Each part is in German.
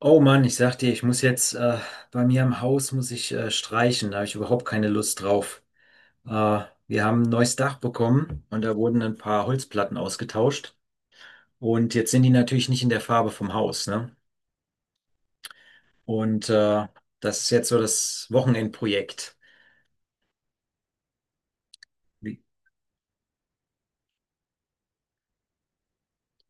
Oh Mann, ich sag dir, ich muss jetzt bei mir im Haus muss ich streichen. Da habe ich überhaupt keine Lust drauf. Äh, wir haben ein neues Dach bekommen und da wurden ein paar Holzplatten ausgetauscht. Und jetzt sind die natürlich nicht in der Farbe vom Haus, ne? Und das ist jetzt so das Wochenendprojekt.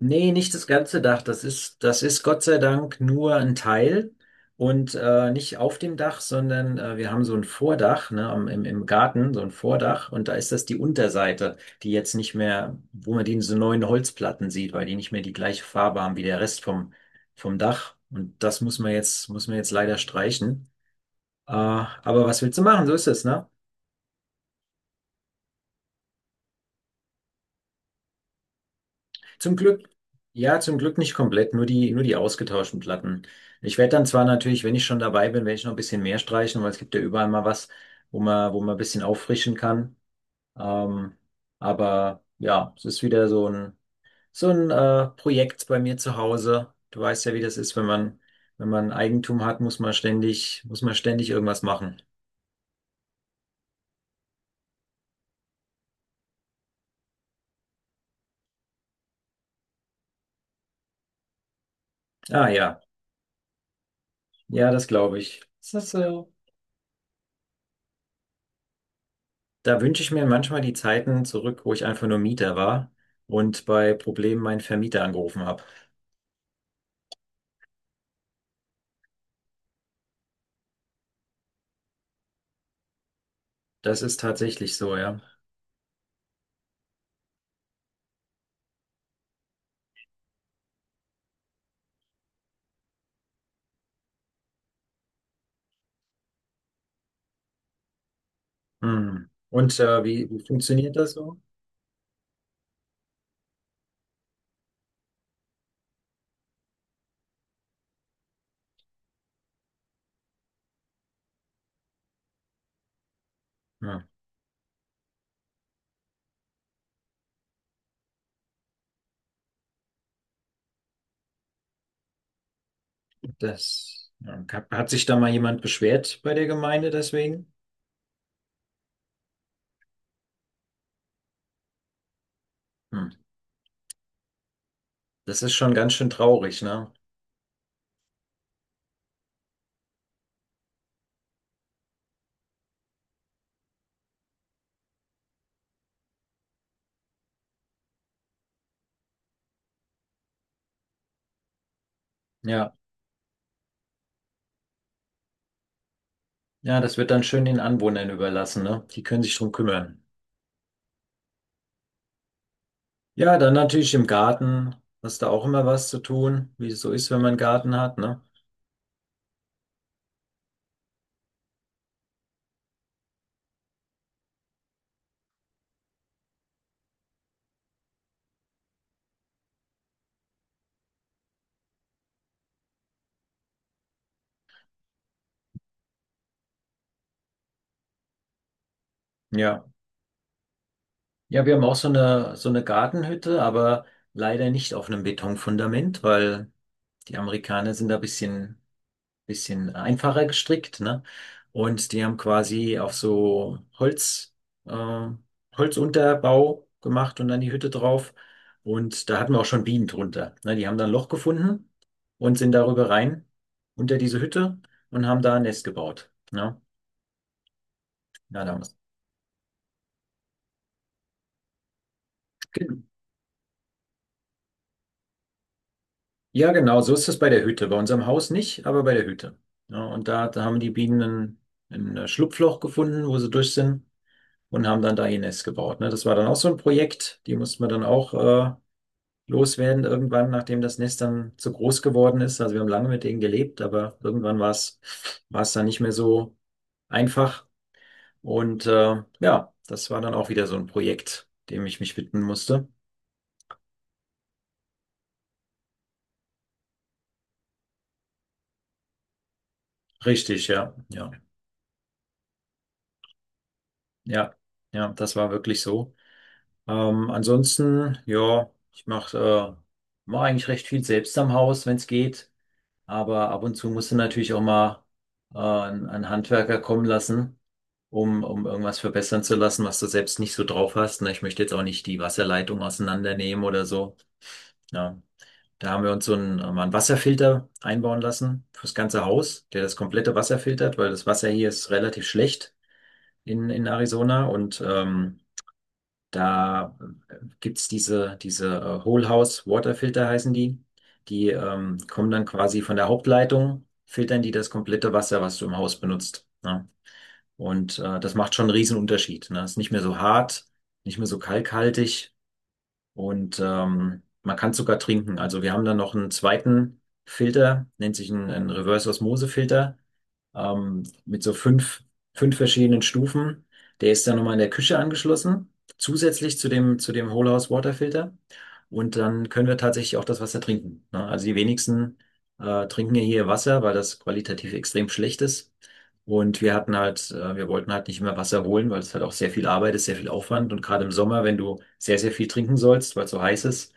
Nee, nicht das ganze Dach. Das ist Gott sei Dank nur ein Teil und nicht auf dem Dach, sondern wir haben so ein Vordach, ne, am, im Garten, so ein Vordach und da ist das die Unterseite, die jetzt nicht mehr, wo man die so neuen Holzplatten sieht, weil die nicht mehr die gleiche Farbe haben wie der Rest vom, Dach. Und das muss man jetzt, leider streichen. Aber was willst du machen? So ist es, ne? Zum Glück, ja, zum Glück nicht komplett, nur die ausgetauschten Platten. Ich werde dann zwar natürlich, wenn ich schon dabei bin, werde ich noch ein bisschen mehr streichen, weil es gibt ja überall mal was, wo man, ein bisschen auffrischen kann. Ähm, aber ja, es ist wieder so ein, Projekt bei mir zu Hause. Du weißt ja, wie das ist, wenn man Eigentum hat, muss man ständig, irgendwas machen. Ah ja, ja, das glaube ich. Ist das so. Da wünsche ich mir manchmal die Zeiten zurück, wo ich einfach nur Mieter war und bei Problemen meinen Vermieter angerufen habe. Das ist tatsächlich so, ja. Hm. Und wie funktioniert das so? Ja, das ja, hat sich da mal jemand beschwert bei der Gemeinde deswegen? Hm. Das ist schon ganz schön traurig, ne? Ja, ja, das wird dann schön den Anwohnern überlassen, ne? Die können sich drum kümmern. Ja, dann natürlich im Garten. Hast du auch immer was zu tun, wie es so ist, wenn man einen Garten hat, ne? Ja. Ja, wir haben auch so eine, Gartenhütte, aber leider nicht auf einem Betonfundament, weil die Amerikaner sind da ein bisschen einfacher gestrickt, ne? Und die haben quasi auf so äh, Holzunterbau gemacht und dann die Hütte drauf. Und da hatten wir auch schon Bienen drunter. Ne? Die haben da ein Loch gefunden und sind darüber rein, unter diese Hütte und haben da ein Nest gebaut. Ne? Ja, damals. Ja, genau, so ist es bei der Hütte. Bei unserem Haus nicht, aber bei der Hütte. Ja, und da, haben die Bienen ein Schlupfloch gefunden, wo sie durch sind und haben dann da ihr Nest gebaut. Ne? Das war dann auch so ein Projekt, die mussten wir dann auch loswerden irgendwann, nachdem das Nest dann zu groß geworden ist. Also wir haben lange mit denen gelebt, aber irgendwann war es dann nicht mehr so einfach. Und ja, das war dann auch wieder so ein Projekt, dem ich mich widmen musste. Richtig, ja, ja, ja, ja, das war wirklich so. Ansonsten, ja, ich äh, mach eigentlich recht viel selbst am Haus, wenn es geht. Aber ab und zu musst du natürlich auch mal einen, Handwerker kommen lassen, um, um irgendwas verbessern zu lassen, was du selbst nicht so drauf hast. Ne? Ich möchte jetzt auch nicht die Wasserleitung auseinandernehmen oder so. Ja. Da haben wir uns so einen, mal einen Wasserfilter einbauen lassen fürs ganze Haus, der das komplette Wasser filtert, weil das Wasser hier ist relativ schlecht in, Arizona und da gibt's diese Whole House Waterfilter heißen die. Die kommen dann quasi von der Hauptleitung, filtern die das komplette Wasser, was du im Haus benutzt. Ne? Und das macht schon einen riesen Unterschied. Ne? Ist nicht mehr so hart, nicht mehr so kalkhaltig und man kann sogar trinken. Also wir haben dann noch einen zweiten Filter, nennt sich ein, Reverse Osmose Filter mit so fünf verschiedenen Stufen. Der ist dann nochmal in der Küche angeschlossen, zusätzlich zu dem Whole House Waterfilter. Und dann können wir tatsächlich auch das Wasser trinken. Ne? Also die wenigsten trinken ja hier Wasser, weil das qualitativ extrem schlecht ist. Und wir hatten halt, wir wollten halt nicht mehr Wasser holen, weil es halt auch sehr viel Arbeit ist, sehr viel Aufwand. Und gerade im Sommer, wenn du sehr, sehr viel trinken sollst, weil es so heiß ist.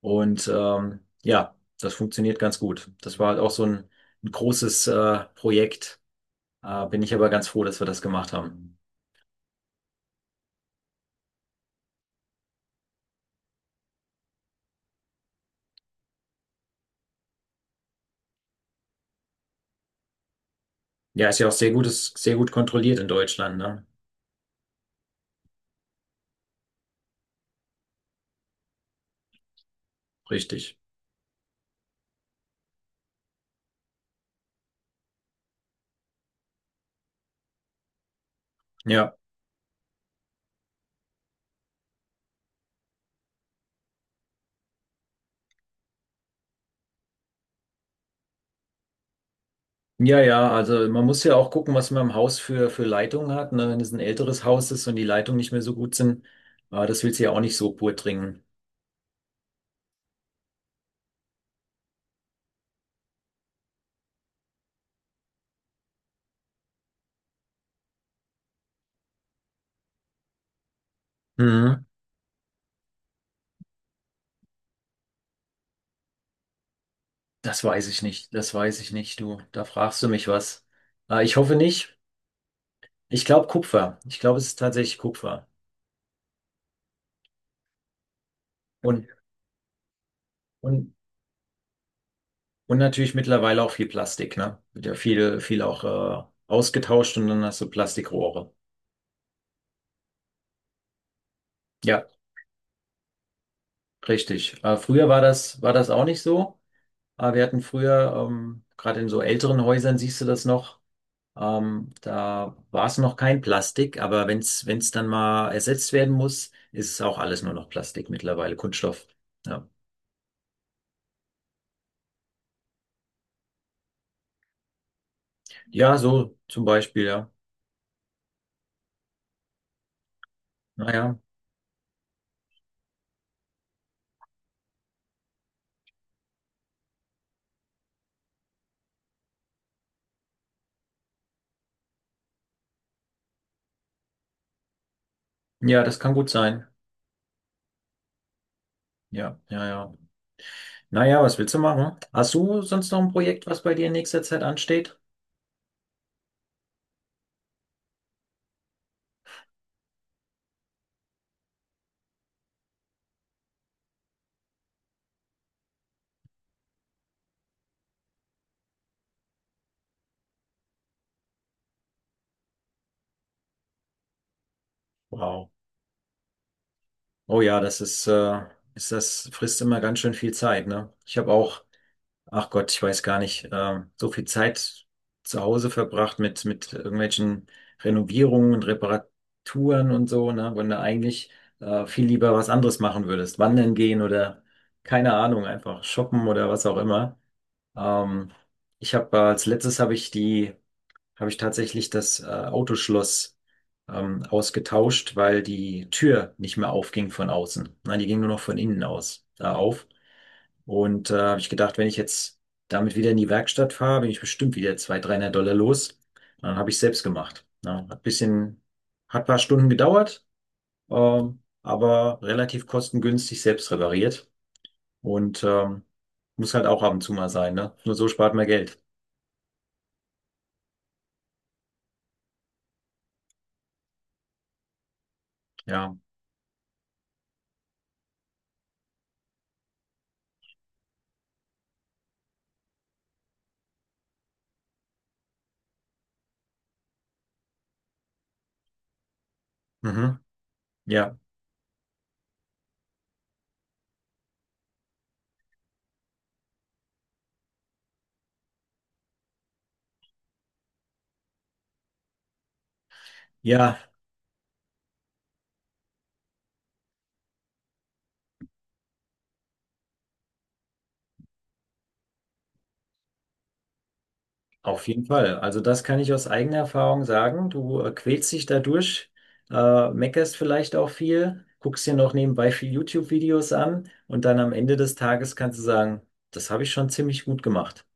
Und ja, das funktioniert ganz gut. Das war halt auch so ein, großes Projekt bin ich aber ganz froh, dass wir das gemacht haben. Ja, ist ja auch sehr gut, ist sehr gut kontrolliert in Deutschland, ne? Richtig. Ja. Ja, ja, also man muss ja auch gucken, was man im Haus für, Leitungen hat, ne? Wenn es ein älteres Haus ist und die Leitungen nicht mehr so gut sind, das willst du ja auch nicht so pur trinken. Mhm. Das weiß ich nicht, das weiß ich nicht, du. Da fragst du mich was. Ich hoffe nicht. Ich glaube Kupfer. Ich glaube, es ist tatsächlich Kupfer. Und, und Und natürlich mittlerweile auch viel Plastik, ne? Wird ja viel, viel auch ausgetauscht und dann hast du Plastikrohre. Ja, richtig. Früher war das auch nicht so. Wir hatten früher, gerade in so älteren Häusern siehst du das noch, da war es noch kein Plastik, aber wenn es dann mal ersetzt werden muss, ist es auch alles nur noch Plastik mittlerweile, Kunststoff. Ja, ja, so zum Beispiel, ja. Naja, ja, ja, das kann gut sein. Ja, ja, ja. Naja, was willst du machen? Hast du sonst noch ein Projekt, was bei dir in nächster Zeit ansteht? Wow. Oh ja, das ist, ist das frisst immer ganz schön viel Zeit, ne? Ich habe auch, ach Gott, ich weiß gar nicht, so viel Zeit zu Hause verbracht mit irgendwelchen Renovierungen und Reparaturen und so, ne? Wenn du eigentlich viel lieber was anderes machen würdest. Wandern gehen oder keine Ahnung, einfach shoppen oder was auch immer. Ähm, ich habe als letztes habe ich die habe ich tatsächlich das Autoschloss ausgetauscht, weil die Tür nicht mehr aufging von außen. Nein, die ging nur noch von innen aus auf. Und habe ich gedacht, wenn ich jetzt damit wieder in die Werkstatt fahre, bin ich bestimmt wieder 200, 300 Dollar los. Dann habe ich selbst gemacht. Ja, hat bisschen, hat paar Stunden gedauert, aber relativ kostengünstig selbst repariert. Und muss halt auch ab und zu mal sein, ne? Nur so spart man Geld. Ja. Mhm. Ja. Ja. Auf jeden Fall. Also das kann ich aus eigener Erfahrung sagen. Du quälst dich dadurch, meckerst vielleicht auch viel, guckst dir noch nebenbei viel YouTube-Videos an und dann am Ende des Tages kannst du sagen, das habe ich schon ziemlich gut gemacht.